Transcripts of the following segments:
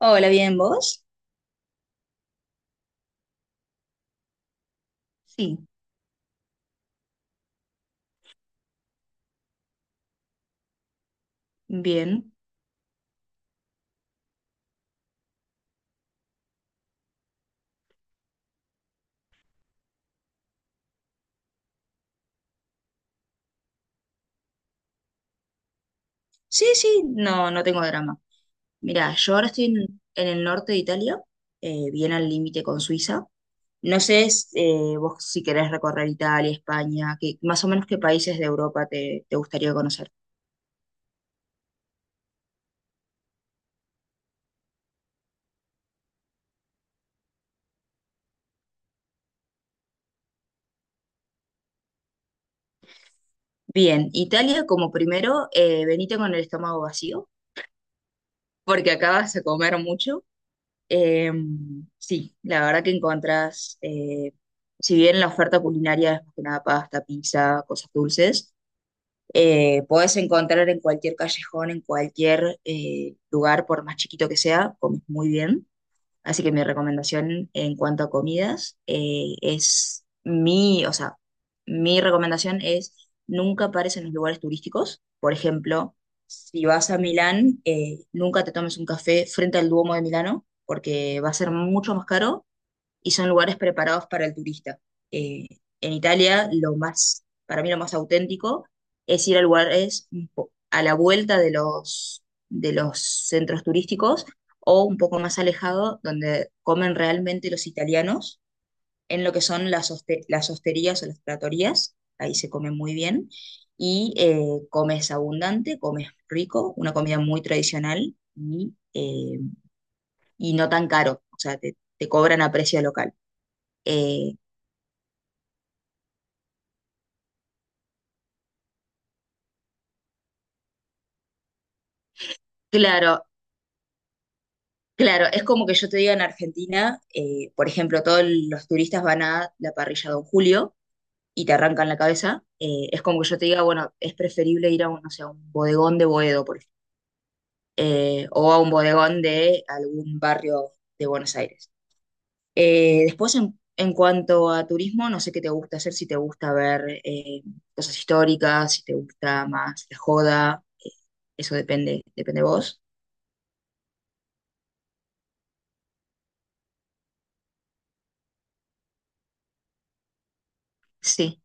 Hola, ¿bien vos? Sí, bien. Sí, sí, no, no tengo drama. Mira, yo ahora estoy en el norte de Italia, bien al límite con Suiza. No sé vos si querés recorrer Italia, España, que, más o menos qué países de Europa te gustaría conocer. Bien, Italia como primero, venite con el estómago vacío, porque acá vas a comer mucho. Eh, sí, la verdad que encontrás, si bien la oferta culinaria es más que nada pasta, pizza, cosas dulces. Podés encontrar en cualquier callejón, en cualquier lugar, por más chiquito que sea, comes muy bien. Así que mi recomendación en cuanto a comidas es mi, o sea, mi recomendación es nunca pares en los lugares turísticos. Por ejemplo, si vas a Milán, nunca te tomes un café frente al Duomo de Milano, porque va a ser mucho más caro y son lugares preparados para el turista. Eh, en Italia, lo más, para mí lo más auténtico es ir a lugares a la vuelta de los centros turísticos o un poco más alejado, donde comen realmente los italianos en lo que son las hosterías o las tratorías, ahí se come muy bien, y comes abundante, comes rico, una comida muy tradicional y no tan caro, o sea, te cobran a precio local. Eh, Claro, claro, es como que yo te diga en Argentina, por ejemplo, todos los turistas van a la parrilla Don Julio y te arrancan la cabeza. Es como que yo te diga, bueno, es preferible ir a un, no sé, a un bodegón de Boedo, por ejemplo, o a un bodegón de algún barrio de Buenos Aires. Después, en cuanto a turismo, no sé qué te gusta hacer, si te gusta ver cosas históricas, si te gusta más la joda, eso depende, depende de vos. Sí,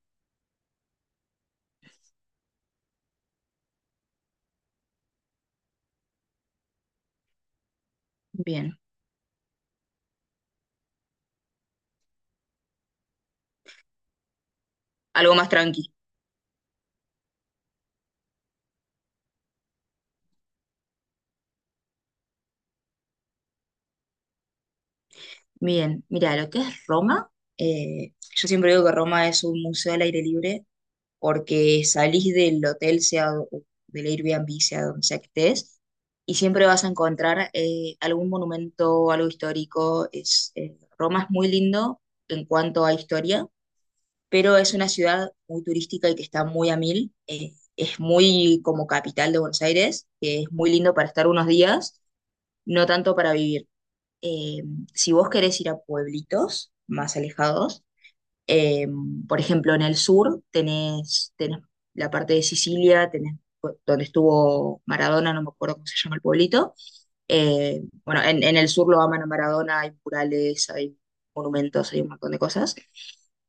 bien, algo más tranqui. Bien, mira, lo que es Roma, yo siempre digo que Roma es un museo al aire libre porque salís del hotel, sea o del Airbnb, sea donde sea que estés, y siempre vas a encontrar algún monumento, algo histórico. Roma es muy lindo en cuanto a historia, pero es una ciudad muy turística y que está muy a mil. Es muy como capital de Buenos Aires, que es muy lindo para estar unos días, no tanto para vivir. eh, si vos querés ir a pueblitos más alejados, eh, por ejemplo, en el sur tenés la parte de Sicilia, tenés donde estuvo Maradona, no me acuerdo cómo se llama el pueblito. Bueno, en el sur lo aman a Maradona, hay murales, hay monumentos, hay un montón de cosas.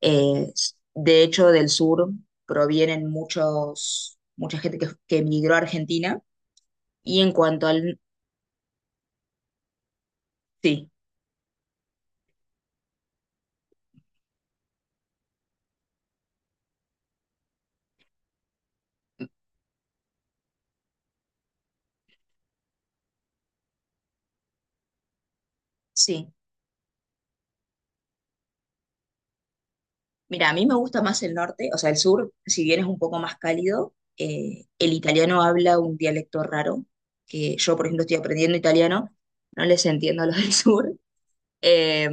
De hecho, del sur provienen mucha gente que emigró a Argentina. Y en cuanto al... Sí, sí. Mira, a mí me gusta más el norte, o sea, el sur, si bien es un poco más cálido, el italiano habla un dialecto raro, que yo, por ejemplo, estoy aprendiendo italiano, no les entiendo a los del sur. Eh,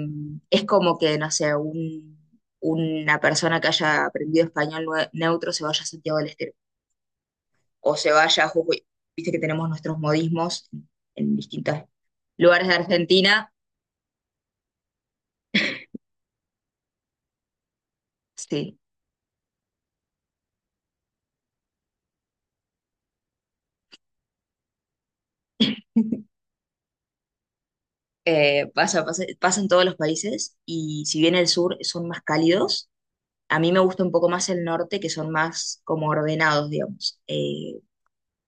es como que, no sé, una persona que haya aprendido español neutro se vaya a Santiago del Estero, o se vaya a Jujuy. Viste que tenemos nuestros modismos en distintos lugares de Argentina. Sí. Pasa en todos los países, y si bien el sur son más cálidos, a mí me gusta un poco más el norte, que son más como ordenados, digamos.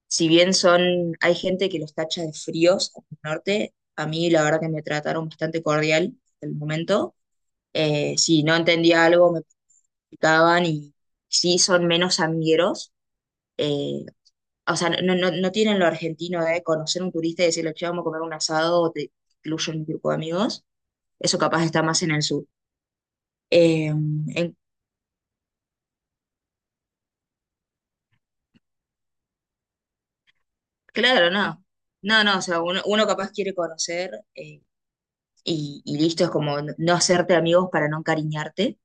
Si bien hay gente que los tacha de fríos en el norte, a mí la verdad que me trataron bastante cordial hasta el momento. Si no entendía algo, me preguntaban y sí son menos amigueros. Eh, o sea, no, no, no tienen lo argentino de conocer un turista y decirle, che, vamos a comer un asado o te incluyo un grupo de amigos. Eso capaz está más en el sur. En Claro, no. No, no, o sea, uno capaz quiere conocer y listo, es como no hacerte amigos para no encariñarte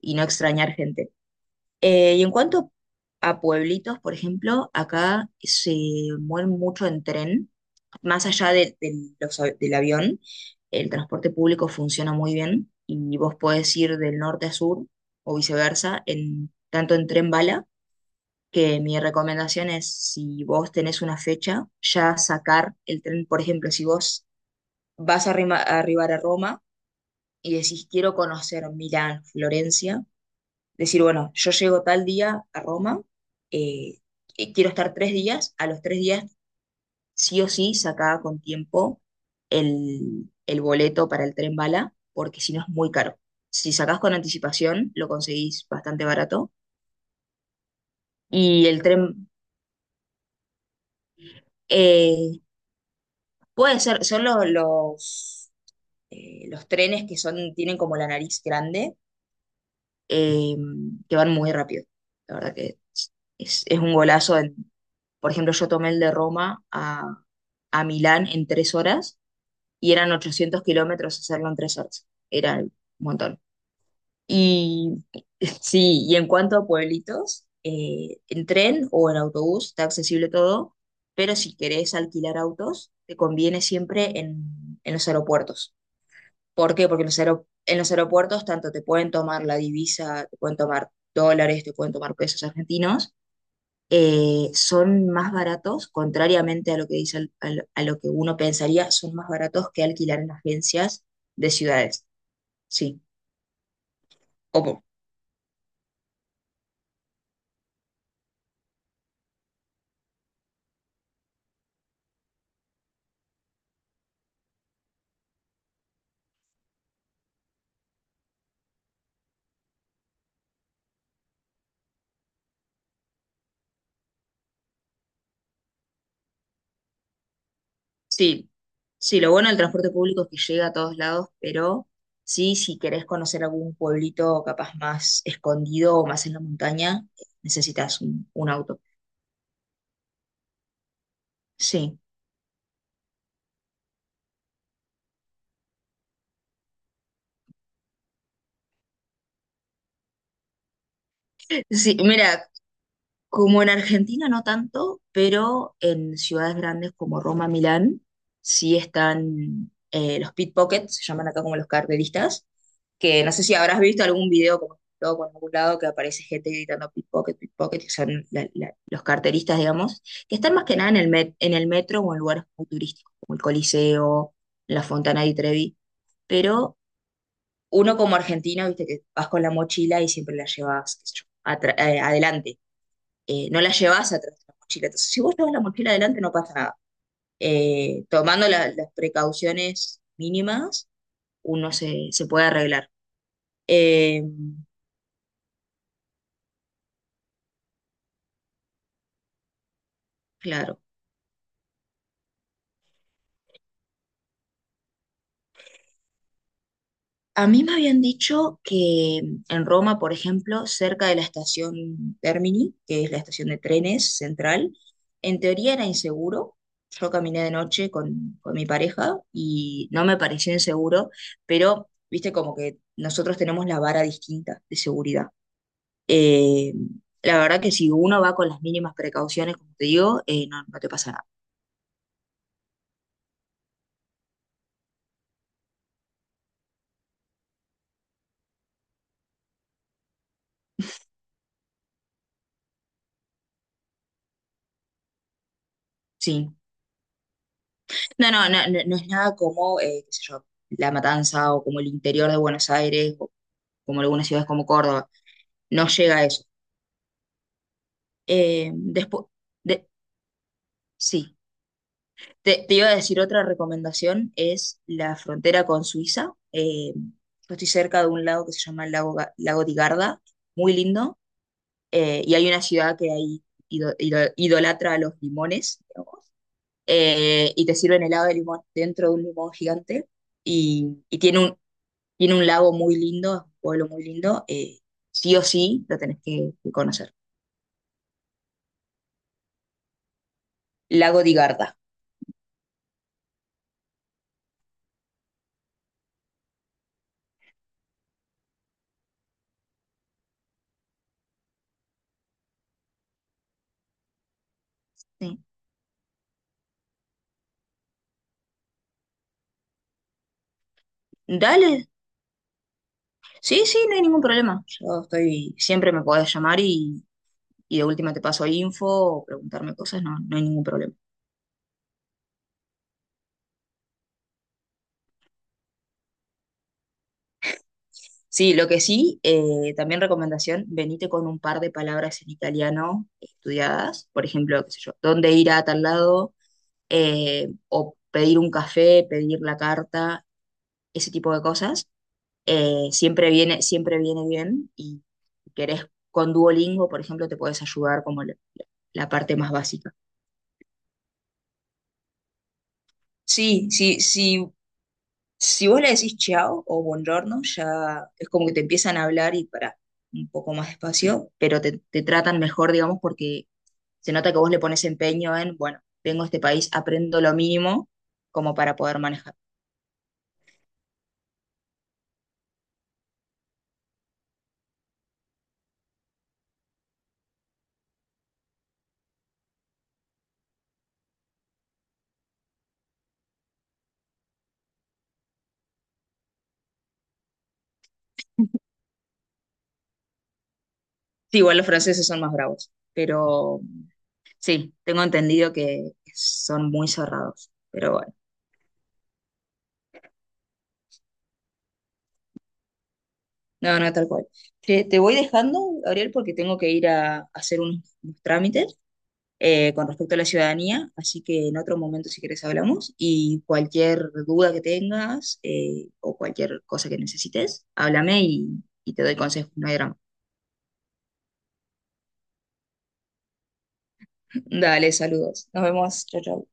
y no extrañar gente. Y en cuanto a pueblitos, por ejemplo, acá se mueven mucho en tren, más allá de del avión. El transporte público funciona muy bien y vos podés ir del norte a sur o viceversa, tanto en tren bala, que mi recomendación es, si vos tenés una fecha, ya sacar el tren. Por ejemplo, si vos vas a a arribar a Roma y decís, quiero conocer Milán, Florencia, decir, bueno, yo llego tal día a Roma, eh, y quiero estar 3 días. A los 3 días sí o sí sacá con tiempo el boleto para el tren bala, porque si no es muy caro. Si sacás con anticipación, lo conseguís bastante barato. Y el tren, eh, Puede ser. Son los trenes que tienen como la nariz grande, eh, que van muy rápido. La verdad que es un golazo. Por ejemplo, yo tomé el de Roma a Milán en 3 horas y eran 800 kilómetros hacerlo en 3 horas. Era un montón. Y sí, y en cuanto a pueblitos, en tren o en autobús está accesible todo, pero si querés alquilar autos, te conviene siempre en los aeropuertos. ¿Por qué? Porque en los aeropuertos tanto te pueden tomar la divisa, te pueden tomar dólares, te pueden tomar pesos argentinos, son más baratos, contrariamente a lo que dice, a lo que uno pensaría, son más baratos que alquilar en agencias de ciudades. Sí, como, sí, sí, lo bueno del transporte público es que llega a todos lados. Pero sí, si querés conocer algún pueblito capaz más escondido o más en la montaña, necesitas un auto. Sí. Sí, mira, como en Argentina no tanto, pero en ciudades grandes como Roma, Milán, sí están los pickpockets, se llaman acá como los carteristas, que no sé si habrás visto algún video como todo por algún lado que aparece gente gritando pickpocket, pickpocket, que son los carteristas, digamos, que están más que nada en el metro o en lugares muy turísticos, como el Coliseo, la Fontana di Trevi. Pero uno como argentino, viste que vas con la mochila y siempre la llevas, qué sé yo, adelante, no la llevas atrás de la mochila. Entonces, si vos llevas la mochila adelante, no pasa nada. Tomando las precauciones mínimas, uno se puede arreglar. Eh, claro. A mí me habían dicho que en Roma, por ejemplo, cerca de la estación Termini, que es la estación de trenes central, en teoría era inseguro. Yo caminé de noche con mi pareja y no me pareció inseguro, pero viste como que nosotros tenemos la vara distinta de seguridad. Eh, la verdad que si uno va con las mínimas precauciones, como te digo, no, no te pasa nada. Sí. No, no, no, no, no es nada como, qué sé yo, La Matanza, o como el interior de Buenos Aires o como algunas ciudades como Córdoba. No llega a eso. Después, sí. Te iba a decir otra recomendación, es la frontera con Suiza. Yo estoy cerca de un lago que se llama el lago, lago di Garda, muy lindo, y hay una ciudad que ahí idolatra a los limones, y te sirven helado de limón dentro de un limón gigante, y tiene un lago muy lindo, es un pueblo muy lindo, sí o sí lo tenés que conocer. Lago di Garda. Sí. Dale, sí, sí, no hay ningún problema. Yo estoy, siempre me podés llamar y de última te paso info o preguntarme cosas, no, no hay ningún problema. Sí, lo que sí, también recomendación, venite con un par de palabras en italiano estudiadas, por ejemplo, qué sé yo, dónde ir a tal lado, o pedir un café, pedir la carta, ese tipo de cosas, siempre viene bien. Y si querés con Duolingo, por ejemplo, te puedes ayudar como la parte más básica. Sí, sí, sí. Si vos le decís chao o buongiorno, ya es como que te empiezan a hablar y para un poco más despacio, pero te tratan mejor, digamos, porque se nota que vos le pones empeño en, bueno, vengo a este país, aprendo lo mínimo como para poder manejar. Sí, igual los franceses son más bravos, pero sí, tengo entendido que son muy cerrados, pero bueno, no, no, tal cual. Te voy dejando, Gabriel, porque tengo que ir a hacer unos trámites con respecto a la ciudadanía, así que en otro momento, si quieres, hablamos, y cualquier duda que tengas o cualquier cosa que necesites, háblame y te doy consejos, no hay drama. Dale, saludos, nos vemos, chao, chao.